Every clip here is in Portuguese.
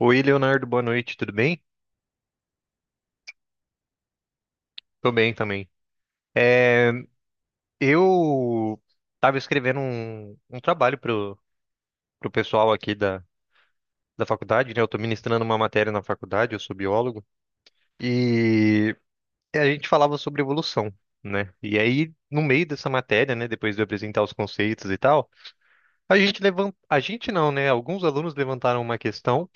Oi, Leonardo, boa noite, tudo bem? Tô bem também. É, eu estava escrevendo um trabalho pro pessoal aqui da faculdade, né? Eu tô ministrando uma matéria na faculdade, eu sou biólogo, e a gente falava sobre evolução, né? E aí, no meio dessa matéria, né, depois de eu apresentar os conceitos e tal, a gente levanta, a gente não, né? Alguns alunos levantaram uma questão,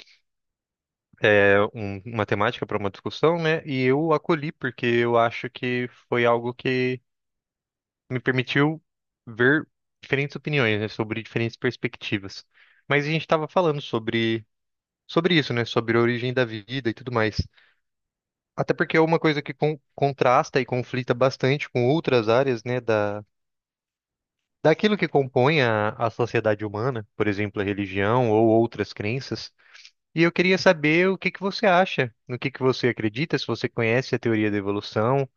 uma temática para uma discussão, né? E eu acolhi porque eu acho que foi algo que me permitiu ver diferentes opiniões, né, sobre diferentes perspectivas. Mas a gente estava falando sobre isso, né, sobre a origem da vida e tudo mais. Até porque é uma coisa que contrasta e conflita bastante com outras áreas, né, da daquilo que compõe a sociedade humana, por exemplo, a religião ou outras crenças. E eu queria saber o que que você acha, no que você acredita, se você conhece a teoria da evolução.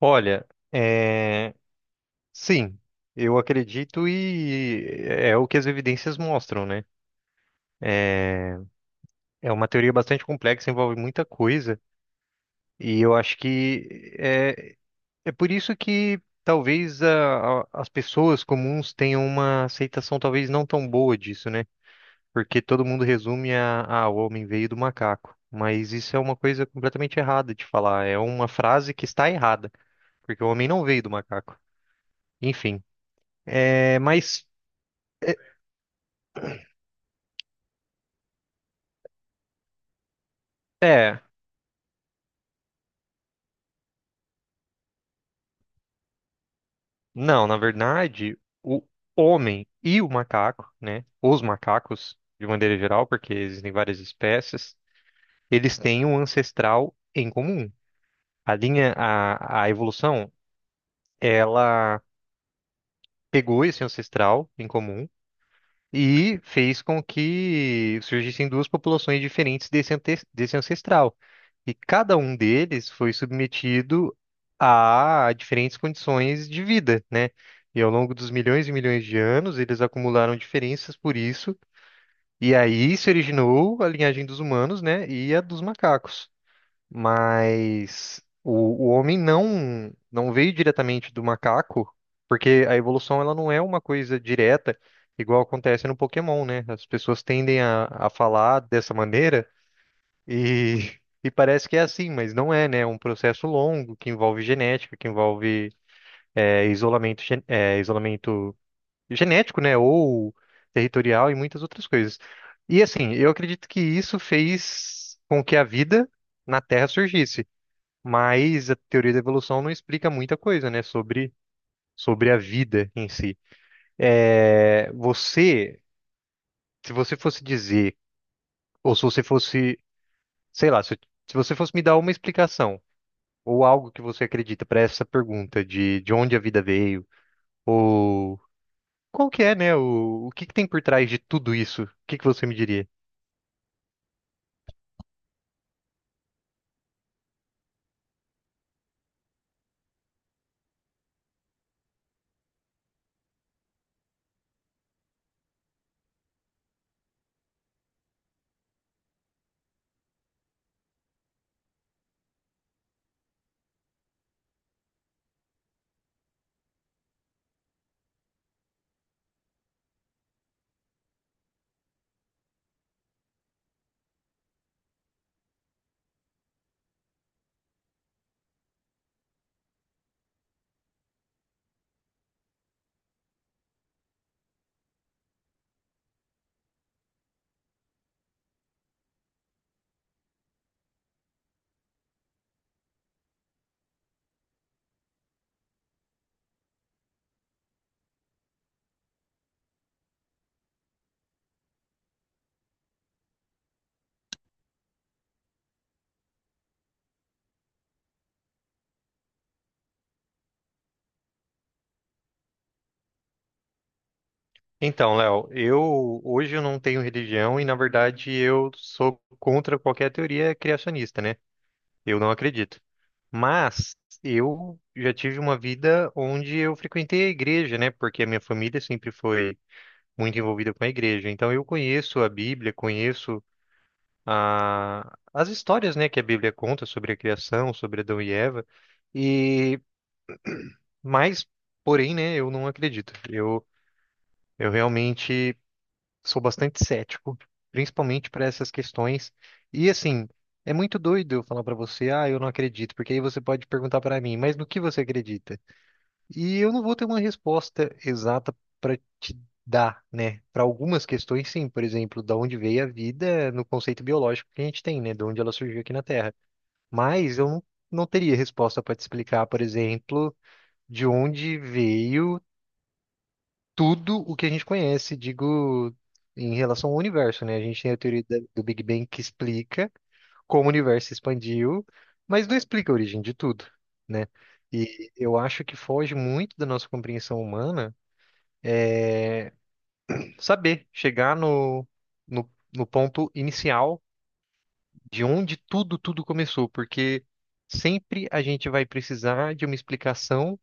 Olha, é... sim, eu acredito e é o que as evidências mostram, né? É é uma teoria bastante complexa, envolve muita coisa, e eu acho é por isso que talvez as pessoas comuns tenham uma aceitação talvez não tão boa disso, né? Porque todo mundo resume a, ah, o homem veio do macaco. Mas isso é uma coisa completamente errada de falar, é uma frase que está errada, porque o homem não veio do macaco. Enfim, é, mas. é, não, na verdade, o homem e o macaco, né? Os macacos, de maneira geral, porque existem várias espécies, eles têm um ancestral em comum. A linha, a evolução, ela pegou esse ancestral em comum. E fez com que surgissem duas populações diferentes desse ancestral. E cada um deles foi submetido a diferentes condições de vida, né? E ao longo dos milhões e milhões de anos, eles acumularam diferenças por isso. E aí se originou a linhagem dos humanos, né? E a dos macacos. Mas o, o homem não veio diretamente do macaco, porque a evolução ela não é uma coisa direta, igual acontece no Pokémon, né? As pessoas tendem a falar dessa maneira e, e parece que é assim, mas não é, né? É um processo longo que envolve genética, que envolve isolamento, isolamento genético, né? Ou territorial e muitas outras coisas. E assim, eu acredito que isso fez com que a vida na Terra surgisse, mas a teoria da evolução não explica muita coisa, né, sobre a vida em si. É, você, se você fosse dizer, ou se você fosse, sei lá, se você fosse me dar uma explicação, ou algo que você acredita para essa pergunta de onde a vida veio, ou qual que é, o que que tem por trás de tudo isso, o que que você me diria? Então, Léo, eu hoje eu não tenho religião e, na verdade, eu sou contra qualquer teoria criacionista, né? Eu não acredito. Mas eu já tive uma vida onde eu frequentei a igreja, né? Porque a minha família sempre foi muito envolvida com a igreja. Então eu conheço a Bíblia, conheço as histórias, né, que a Bíblia conta sobre a criação, sobre Adão e Eva. E mas, porém, né, eu não acredito. Eu realmente sou bastante cético, principalmente para essas questões. E assim, é muito doido eu falar para você, ah, eu não acredito, porque aí você pode perguntar para mim, mas no que você acredita? E eu não vou ter uma resposta exata para te dar, né? Para algumas questões, sim, por exemplo, da onde veio a vida no conceito biológico que a gente tem, né? De onde ela surgiu aqui na Terra. Mas eu não teria resposta para te explicar, por exemplo, de onde veio tudo o que a gente conhece, digo, em relação ao universo, né? A gente tem a teoria do Big Bang que explica como o universo se expandiu, mas não explica a origem de tudo, né? E eu acho que foge muito da nossa compreensão humana saber chegar no ponto inicial de onde tudo começou, porque sempre a gente vai precisar de uma explicação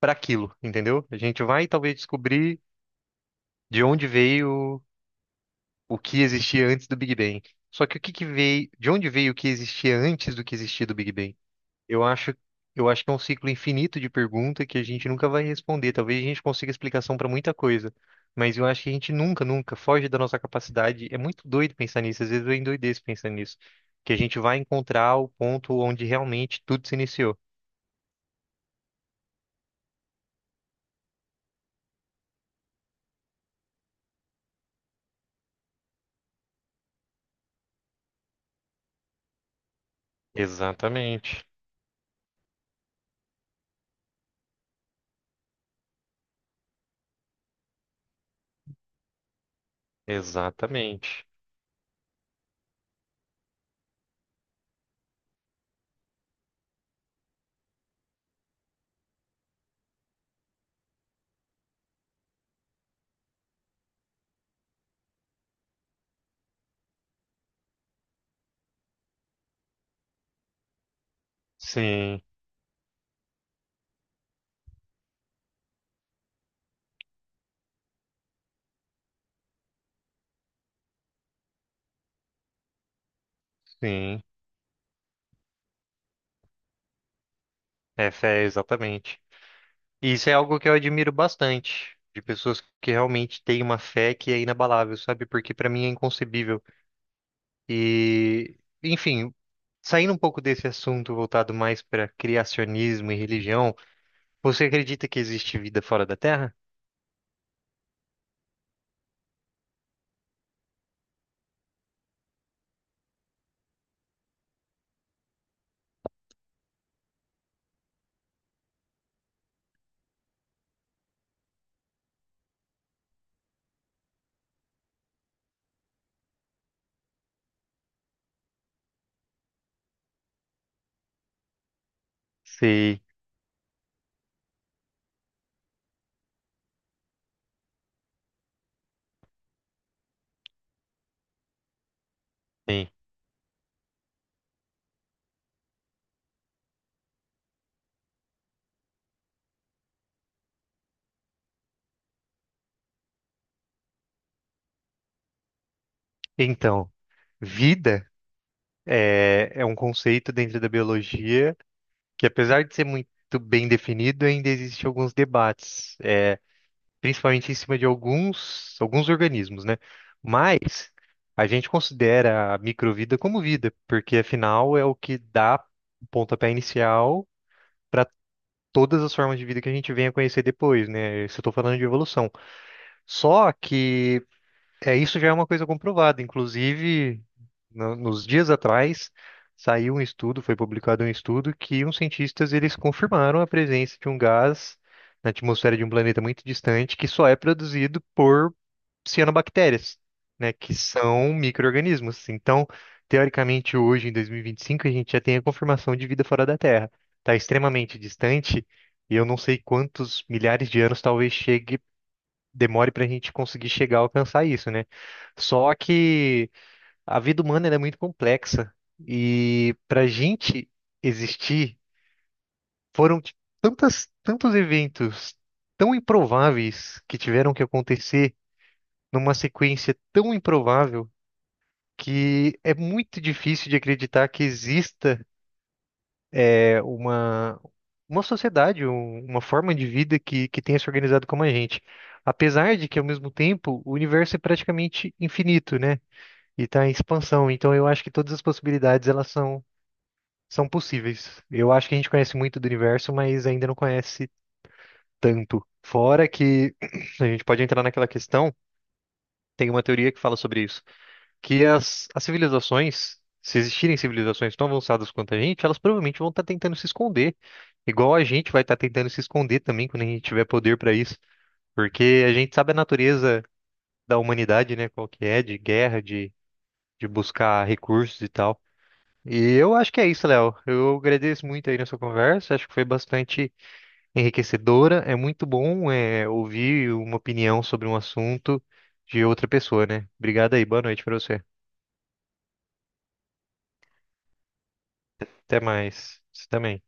para aquilo, entendeu? A gente vai talvez descobrir de onde veio o que existia antes do Big Bang. Só que o que que veio, de onde veio o que existia antes do que existia do Big Bang? Eu acho, eu acho que é um ciclo infinito de pergunta que a gente nunca vai responder. Talvez a gente consiga explicação para muita coisa, mas eu acho que a gente nunca foge da nossa capacidade. É muito doido pensar nisso, às vezes eu endoideço pensando nisso, que a gente vai encontrar o ponto onde realmente tudo se iniciou. Exatamente, exatamente. Sim, sim. É fé, exatamente. E isso é algo que eu admiro bastante, de pessoas que realmente têm uma fé que é inabalável, sabe? Porque para mim é inconcebível. E, enfim, saindo um pouco desse assunto voltado mais para criacionismo e religião, você acredita que existe vida fora da Terra? Sim. Sim. Então, vida é um conceito dentro da biologia que, apesar de ser muito bem definido, ainda existem alguns debates, principalmente em cima de alguns organismos, né? Mas a gente considera a microvida como vida, porque afinal é o que dá o pontapé inicial para todas as formas de vida que a gente venha conhecer depois, né? Isso eu tô falando de evolução. Só que isso já é uma coisa comprovada. Inclusive, nos dias atrás, saiu um estudo, foi publicado um estudo que uns cientistas eles confirmaram a presença de um gás na atmosfera de um planeta muito distante que só é produzido por cianobactérias, né, que são micro-organismos. Então, teoricamente, hoje, em 2025, a gente já tem a confirmação de vida fora da Terra. Está extremamente distante e eu não sei quantos milhares de anos talvez chegue, demore para a gente conseguir chegar a alcançar isso, né? Só que a vida humana ela é muito complexa e para a gente existir foram tantos eventos tão improváveis que tiveram que acontecer numa sequência tão improvável que é muito difícil de acreditar que exista é, uma, uma sociedade, uma forma de vida que tenha se organizado como a gente. Apesar de que, ao mesmo tempo, o universo é praticamente infinito, né? E está em expansão. Então, eu acho que todas as possibilidades elas são possíveis. Eu acho que a gente conhece muito do universo, mas ainda não conhece tanto. Fora que a gente pode entrar naquela questão, tem uma teoria que fala sobre isso que as civilizações, se existirem civilizações tão avançadas quanto a gente, elas provavelmente vão estar tentando se esconder. Igual a gente vai estar tentando se esconder também quando a gente tiver poder para isso. Porque a gente sabe a natureza da humanidade, né? Qual que é, de guerra, de buscar recursos e tal. E eu acho que é isso, Léo. Eu agradeço muito aí nessa conversa. Acho que foi bastante enriquecedora. É muito bom, é, ouvir uma opinião sobre um assunto de outra pessoa, né? Obrigado aí. Boa noite para você. Até mais. Você também.